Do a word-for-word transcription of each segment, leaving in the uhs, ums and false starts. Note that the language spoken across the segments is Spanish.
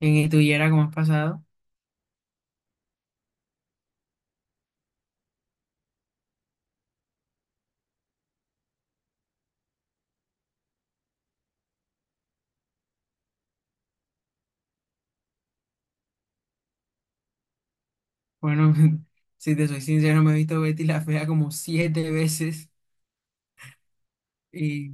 En tu y tú, Yera, cómo has pasado. Bueno, si te soy sincero, me he visto Betty la Fea como siete veces y,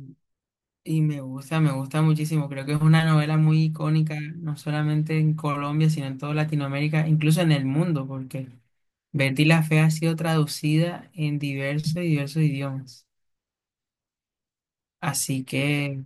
y me gusta, me gusta muchísimo. Creo que es una novela muy icónica, no solamente en Colombia, sino en toda Latinoamérica, incluso en el mundo, porque Betty la Fea ha sido traducida en diversos y diversos idiomas. Así que,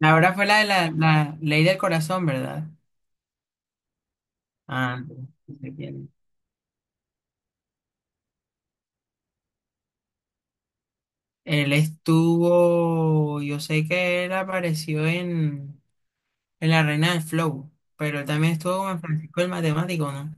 ahora fue la de la, la Ley del Corazón, ¿verdad? Ah, no no sé quién. Él estuvo, yo sé que él apareció en... en la Reina del Flow, pero también estuvo con Francisco el Matemático, ¿no?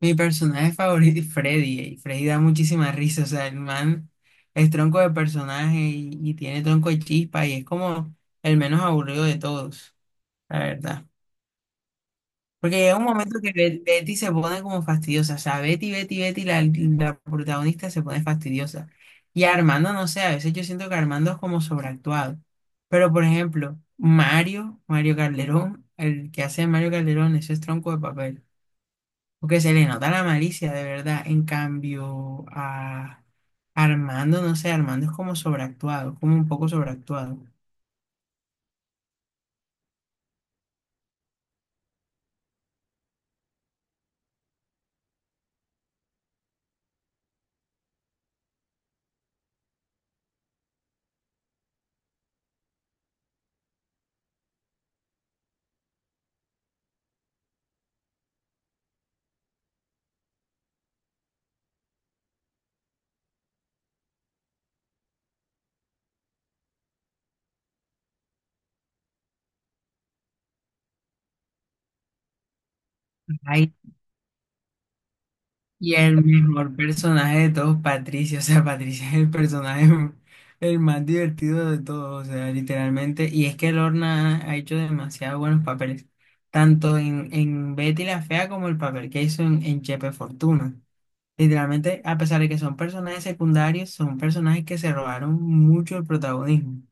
Mi personaje favorito es Freddy, y Freddy da muchísima risa, o sea, el man es tronco de personaje y, y tiene tronco de chispa y es como el menos aburrido de todos, la verdad. Porque llega un momento que Bet- Betty se pone como fastidiosa. O sea, Betty, Betty, Betty, la, la protagonista se pone fastidiosa. Y Armando, no sé, a veces yo siento que Armando es como sobreactuado. Pero, por ejemplo, Mario, Mario Calderón, el que hace Mario Calderón, eso es tronco de papel. Porque se le nota la malicia, de verdad. En cambio, a Armando, no sé, Armando es como sobreactuado, como un poco sobreactuado. Y el mejor personaje de todos, Patricio. O sea, Patricio es el personaje el más divertido de todos. O sea, literalmente. Y es que Lorna ha hecho demasiado buenos papeles. Tanto en, en Betty la Fea como el papel que hizo en, en Chepe Fortuna. Literalmente, a pesar de que son personajes secundarios, son personajes que se robaron mucho el protagonismo.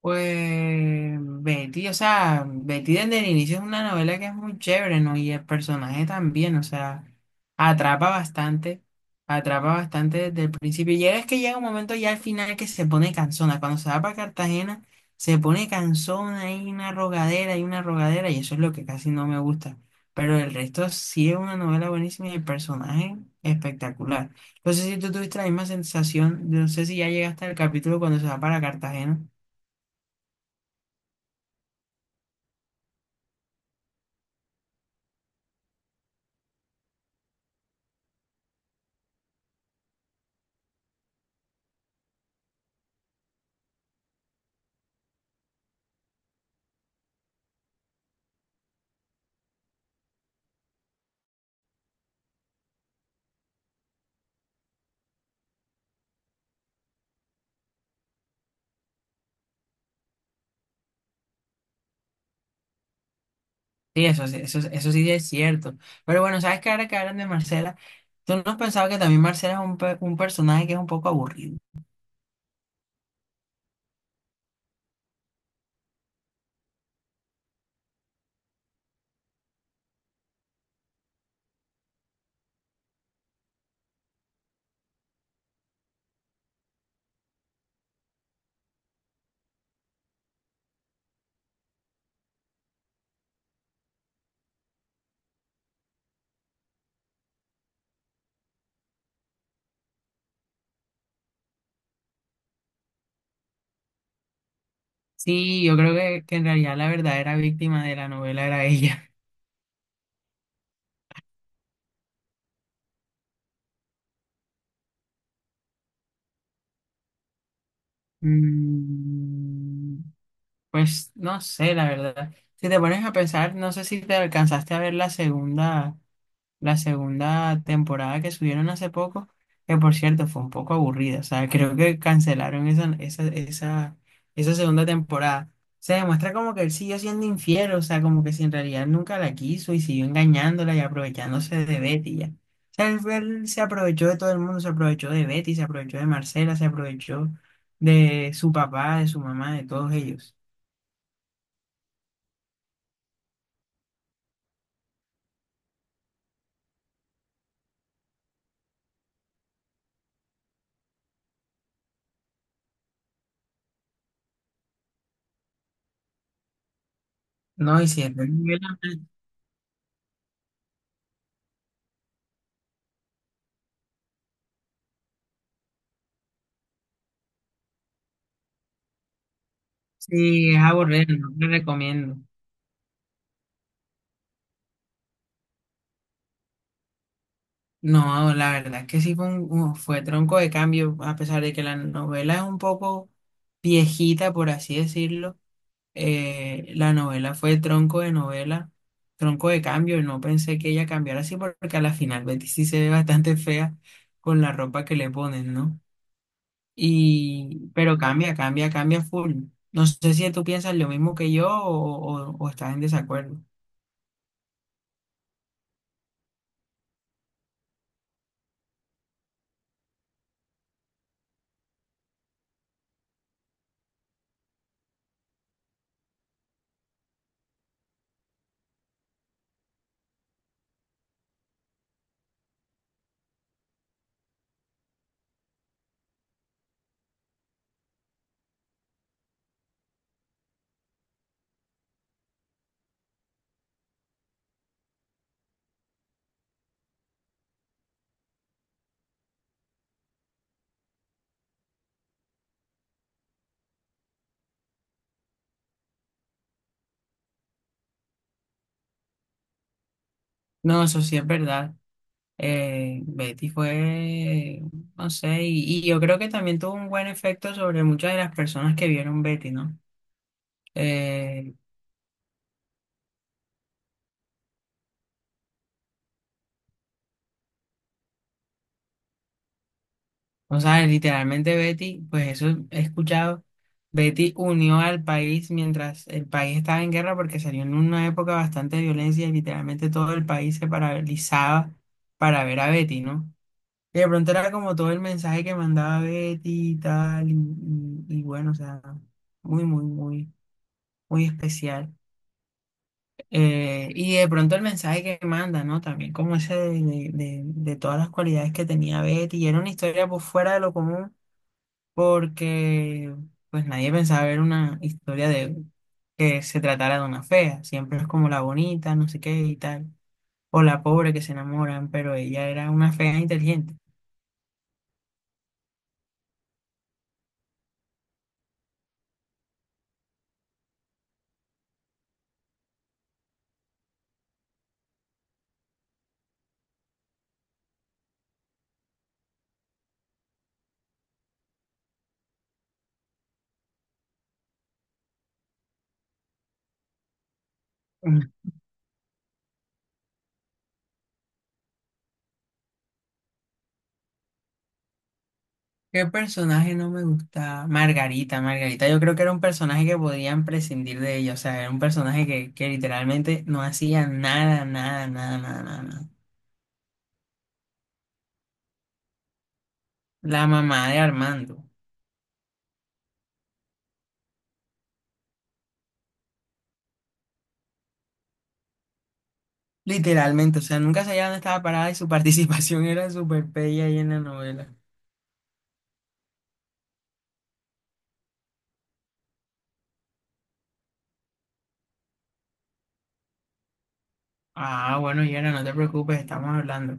Pues Betty, o sea, Betty desde el inicio es una novela que es muy chévere, ¿no? Y el personaje también, o sea, atrapa bastante, atrapa bastante desde el principio. Y es que llega un momento ya al final que se pone cansona. Cuando se va para Cartagena, se pone cansona, hay una rogadera, hay una rogadera, y eso es lo que casi no me gusta. Pero el resto sí es una novela buenísima y el personaje espectacular. No sé si tú tuviste la misma sensación, no sé si ya llegaste al capítulo cuando se va para Cartagena. Sí, eso, sí- eso, eso sí es cierto. Pero bueno, ¿sabes qué? Ahora que hablan de Marcela, ¿tú no has pensado que también Marcela es un, pe- un personaje que es un poco aburrido? Sí, yo creo que, que en realidad la verdadera víctima de la novela era ella. Mm, pues no sé, la verdad. Si te pones a pensar, no sé si te alcanzaste a ver la segunda, la segunda temporada que subieron hace poco, que por cierto fue un poco aburrida, o sea, creo que cancelaron esa, esa, esa, esa segunda temporada. Se demuestra como que él siguió siendo infiel, o sea, como que si en realidad nunca la quiso y siguió engañándola y aprovechándose de Betty ya. O sea, él, él se aprovechó de todo el mundo, se aprovechó de Betty, se aprovechó de Marcela, se aprovechó de su papá, de su mamá, de todos ellos. No, y si es, sí, es aburrido, no te recomiendo. No, la verdad es que sí fue, un- un- fue tronco de cambio, a pesar de que la novela es un poco viejita, por así decirlo. Eh, la novela fue tronco de novela, tronco de cambio, y no pensé que ella cambiara así, porque a la final Betty sí se ve bastante fea con la ropa que le ponen, ¿no? Y, pero cambia, cambia, cambia full. No sé si tú piensas lo mismo que yo o, o o estás en desacuerdo. No, eso sí es verdad. Eh, Betty fue, no sé, y, y yo creo que también tuvo un buen efecto sobre muchas de las personas que vieron Betty, ¿no? Eh, o sea, literalmente Betty, pues eso he escuchado, Betty unió al país mientras el país estaba en guerra porque salió en una época bastante de violencia y literalmente todo el país se paralizaba para ver a Betty, ¿no? Y de pronto era como todo el mensaje que mandaba Betty y tal, y, y y bueno, o sea, muy, muy, muy, muy especial. Eh, y de pronto el mensaje que manda, ¿no? También como ese de, de- de- de todas las cualidades que tenía Betty. Y era una historia pues fuera de lo común porque pues nadie pensaba ver una historia de que se tratara de una fea. Siempre es como la bonita, no sé qué y tal. O la pobre que se enamoran, pero ella era una fea inteligente. ¿Qué personaje no me gustaba? Margarita, Margarita. Yo creo que era un personaje que podían prescindir de ella. O sea, era un personaje que, que literalmente no hacía nada, nada, nada, nada, nada, nada. La mamá de Armando. Literalmente, o sea, nunca sabía dónde estaba parada y su participación era súper bella ahí en la novela. Ah, bueno, Yera, no te preocupes, estamos hablando.